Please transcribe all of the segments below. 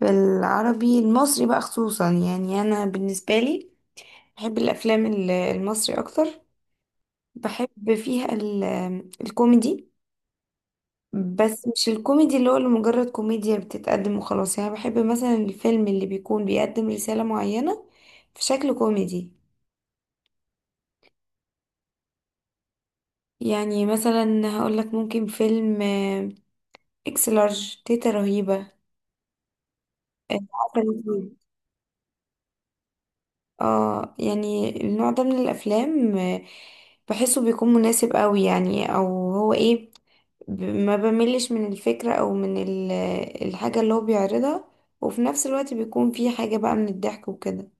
بالعربي المصري بقى، خصوصا يعني انا بالنسبه لي، بحب الافلام المصري اكتر. بحب فيها الكوميدي. بس مش الكوميدي اللي هو لمجرد كوميديا بتتقدم وخلاص، يعني بحب مثلا الفيلم اللي بيكون بيقدم رساله معينه في شكل كوميدي. يعني مثلا هقول لك، ممكن فيلم اكس لارج، تيتا رهيبه، عسل أسود. اه، يعني النوع ده من الافلام بحسه بيكون مناسب قوي يعني، او هو ايه، ما بملش من الفكرة او من الحاجة اللي هو بيعرضها، وفي نفس الوقت بيكون في حاجة بقى من الضحك وكده.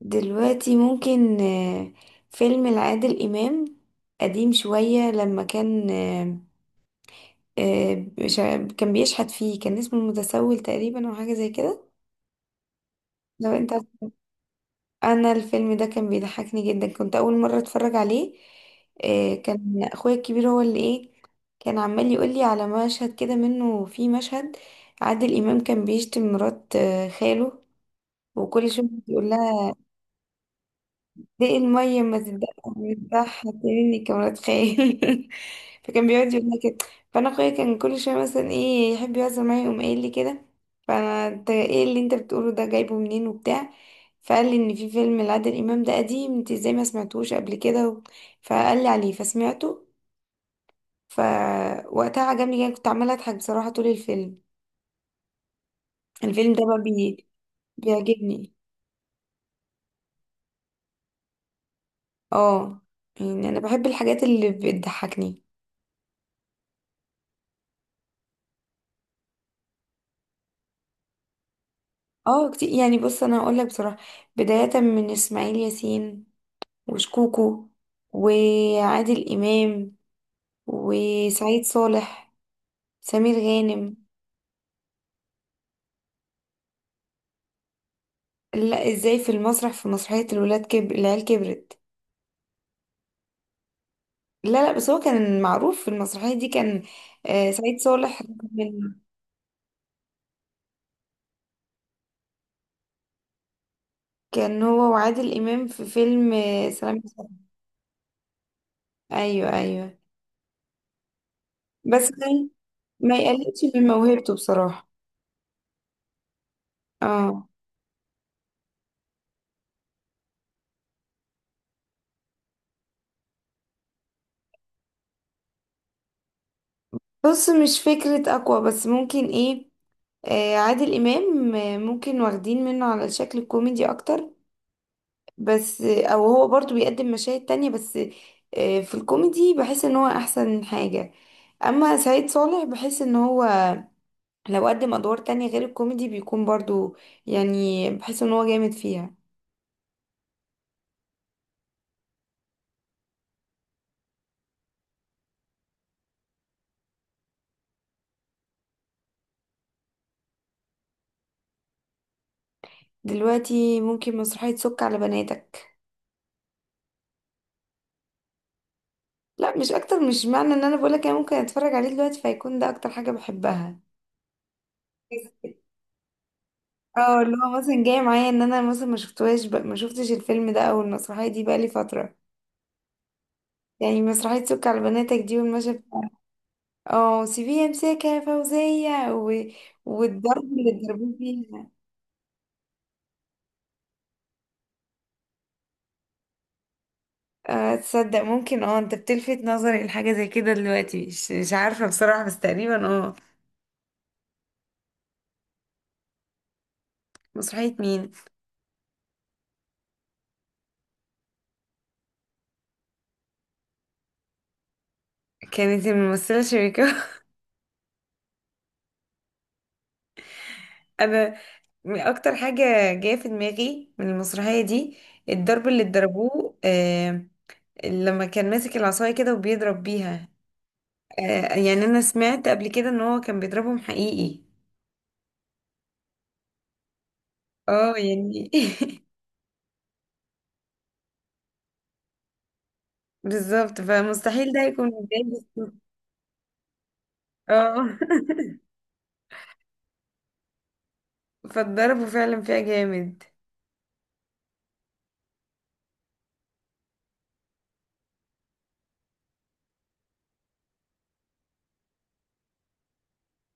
دلوقتي ممكن فيلم لعادل إمام قديم شوية، لما كان كان بيشحت فيه، كان اسمه المتسول تقريبا او حاجة زي كده. لو انت، انا الفيلم ده كان بيضحكني جدا، كنت اول مره اتفرج عليه. إيه، كان اخويا الكبير هو اللي ايه، كان عمال يقول لي على مشهد كده منه. في مشهد عادل امام كان بيشتم مرات خاله، وكل شويه يقول لها: دق المية، ما تبدأ مرتاح، هتعملني كمان خيال. فكان بيقعد يقول لي كده. فأنا أخويا كان كل شوية مثلا، إيه، يحب يهزر معايا، يقوم قايل لي كده. فأنا: أنت إيه اللي أنت بتقوله ده، جايبه منين وبتاع؟ فقال لي إن في فيلم لعادل إمام ده قديم، أنت إزاي ما سمعتوش قبل كده فقال لي عليه فسمعته. فوقتها عجبني جدا، كنت عمالة أضحك بصراحة طول الفيلم. الفيلم ده بقى بيعجبني. اه، يعني أنا بحب الحاجات اللي بتضحكني. اه كتير، يعني بص، انا هقول لك بصراحه، بدايه من اسماعيل ياسين، وشكوكو، وعادل امام، وسعيد صالح، سمير غانم. لا، ازاي، في المسرح، في مسرحيه الولاد كبر العيال كبرت. لا لا، بس هو كان معروف في المسرحيه دي، كان سعيد صالح. من- كان هو وعادل امام في فيلم سلام يا صاحبي. ايوه، ايوه. بس كان ما يقلقش من موهبته بصراحه. اه، بص، مش فكرة أقوى، بس ممكن إيه، عادل إمام ممكن واخدين منه على الشكل الكوميدي أكتر، بس أو هو برضو بيقدم مشاهد تانية. بس في الكوميدي بحس إن هو أحسن حاجة. أما سعيد صالح بحس إن هو لو قدم أدوار تانية غير الكوميدي بيكون برضو، يعني بحس إن هو جامد فيها. دلوقتي ممكن مسرحية سك على بناتك. لا، مش أكتر، مش معنى إن أنا بقولك أنا ممكن أتفرج عليه دلوقتي فيكون ده أكتر حاجة بحبها. اه، اللي هو مثلا جاي معايا ان انا مثلا ما شفتهاش بقى، ما شفتش الفيلم ده او المسرحيه دي بقى لي فتره. يعني مسرحيه سك على بناتك دي، والمشهد بتاع، اه، سيبيها امسكها يا فوزيه والضرب اللي اتضربوه فيها. تصدق، ممكن، اه، انت بتلفت نظري لحاجه زي كده دلوقتي، مش عارفه بصراحه، بس تقريبا اه. مسرحيه مين؟ كانت الممثله شريكة. انا اكتر حاجه جايه في دماغي من المسرحيه دي الضرب اللي اتضربوه، لما كان ماسك العصايه كده وبيضرب بيها. يعني انا سمعت قبل كده ان هو كان بيضربهم حقيقي. اه، يعني. بالظبط، فمستحيل ده يكون جاي. اه. فاتضربوا فعلا فيها جامد.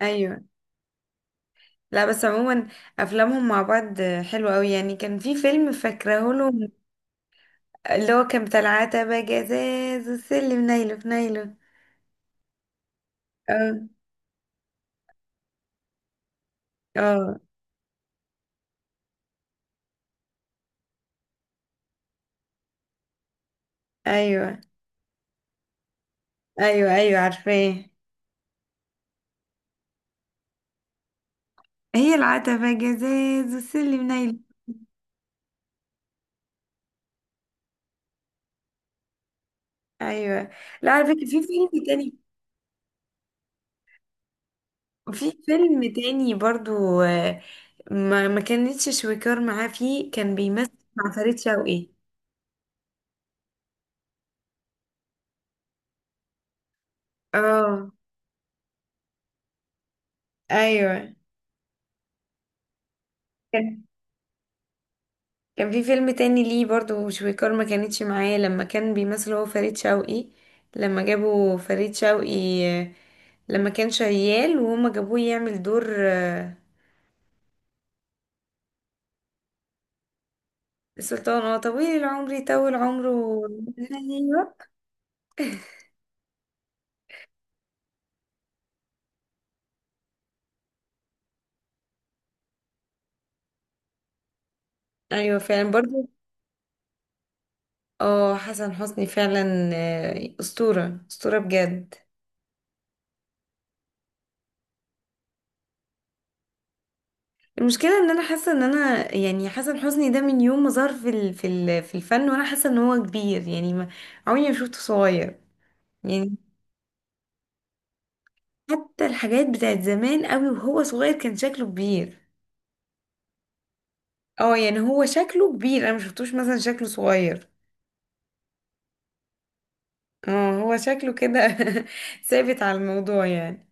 ايوه. لا، بس عموما افلامهم مع بعض حلوه قوي، يعني كان في فيلم فاكراه لهم، اللي هو كان بتاع العتبه جزاز والسلم نايله في نايله. اه، اه. ايوه، ايوه. ايوه، عارفاه. هي العتبة جزاز والسلم نيل. ايوه. لا، على فكرة في فيلم تاني، في فيلم تاني برضو ما كانتش شويكار معاه فيه، كان بيمثل مع فريد شوقي. اه، ايوه. كان كان في فيلم تاني ليه برضو شويكار ما كانتش معاه، لما كان بيمثل هو فريد شوقي. لما جابوا فريد شوقي، آه، لما كان شيال وهما جابوه يعمل دور السلطان. اه، طويل العمر، يطول عمره. ايوه، ايوه، فعلا برضو. اه، حسن حسني فعلا، اسطوره، اسطوره بجد. المشكله ان انا حاسه ان انا يعني حسن حسني ده من يوم ما ظهر في الفن، وانا حاسه ان هو كبير، يعني ما، عمري ما شفته صغير يعني. حتى الحاجات بتاعت زمان قوي وهو صغير كان شكله كبير. اه، يعني هو شكله كبير، انا ما شفتوش مثلا شكله صغير. اه، هو شكله كده. ثابت على الموضوع يعني.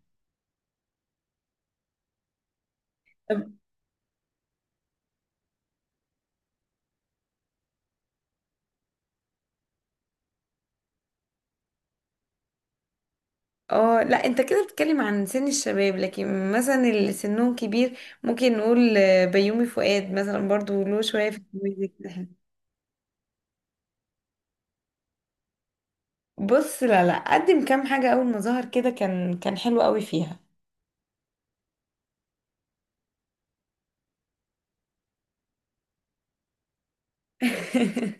اه. لا، انت كده بتتكلم عن سن الشباب، لكن مثلا اللي سنهم كبير، ممكن نقول بيومي فؤاد مثلا، برضو له شوية في الميوزك ده حلو. بص، لا لا، قدم كام حاجة اول ما ظهر كده، كان حلو قوي فيها.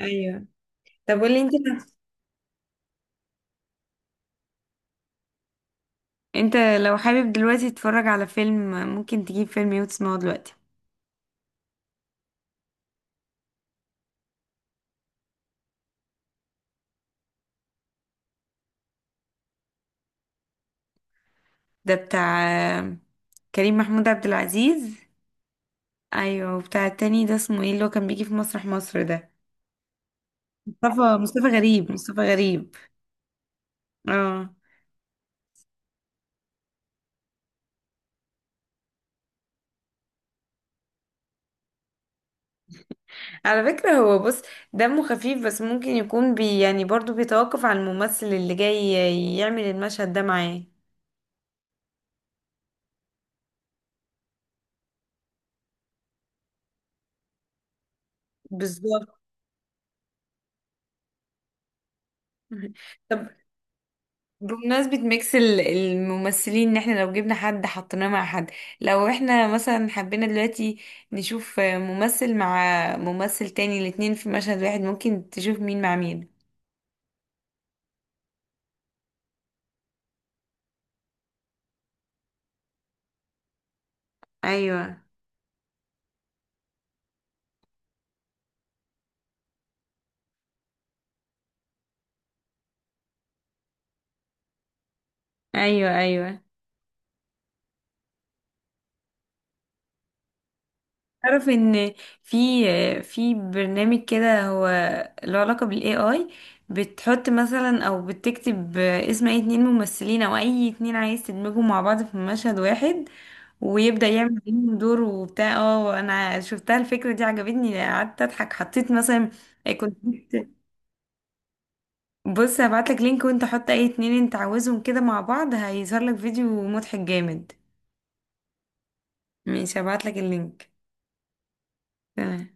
ايوه. طب قولي انت، انت لو حابب دلوقتي تتفرج على فيلم، ممكن تجيب فيلم ايه وتسمعه دلوقتي؟ ده بتاع آه، كريم محمود عبد العزيز. ايوه. وبتاع التاني ده اسمه ايه، اللي هو كان بيجي في مسرح مصر ده؟ مصطفى غريب، مصطفى غريب. اه، على فكرة هو، بص، دمه خفيف، بس ممكن يكون يعني برضو بيتوقف على الممثل اللي جاي يعمل المشهد ده معاه. بالظبط. طب، بمناسبة ميكس الممثلين، ان احنا لو جبنا حد حطيناه مع حد، لو احنا مثلا حبينا دلوقتي نشوف ممثل مع ممثل تاني، الاتنين في مشهد واحد، ممكن تشوف مين مع مين؟ ايوه، ايوه، ايوه. تعرف ان في في برنامج كده، هو له علاقة بالاي اي، بتحط مثلا او بتكتب اسم اي اتنين ممثلين، او اي اتنين عايز تدمجهم مع بعض في مشهد واحد، ويبدأ يعمل بينهم دور وبتاع. اه، انا شفتها الفكرة دي عجبتني، قعدت اضحك، حطيت مثلا آه، كنت بص، هبعتلك لينك، وانت حط اي اتنين انت عاوزهم كده مع بعض، هيظهر لك فيديو مضحك جامد. ماشي، هبعتلك اللينك. تمام.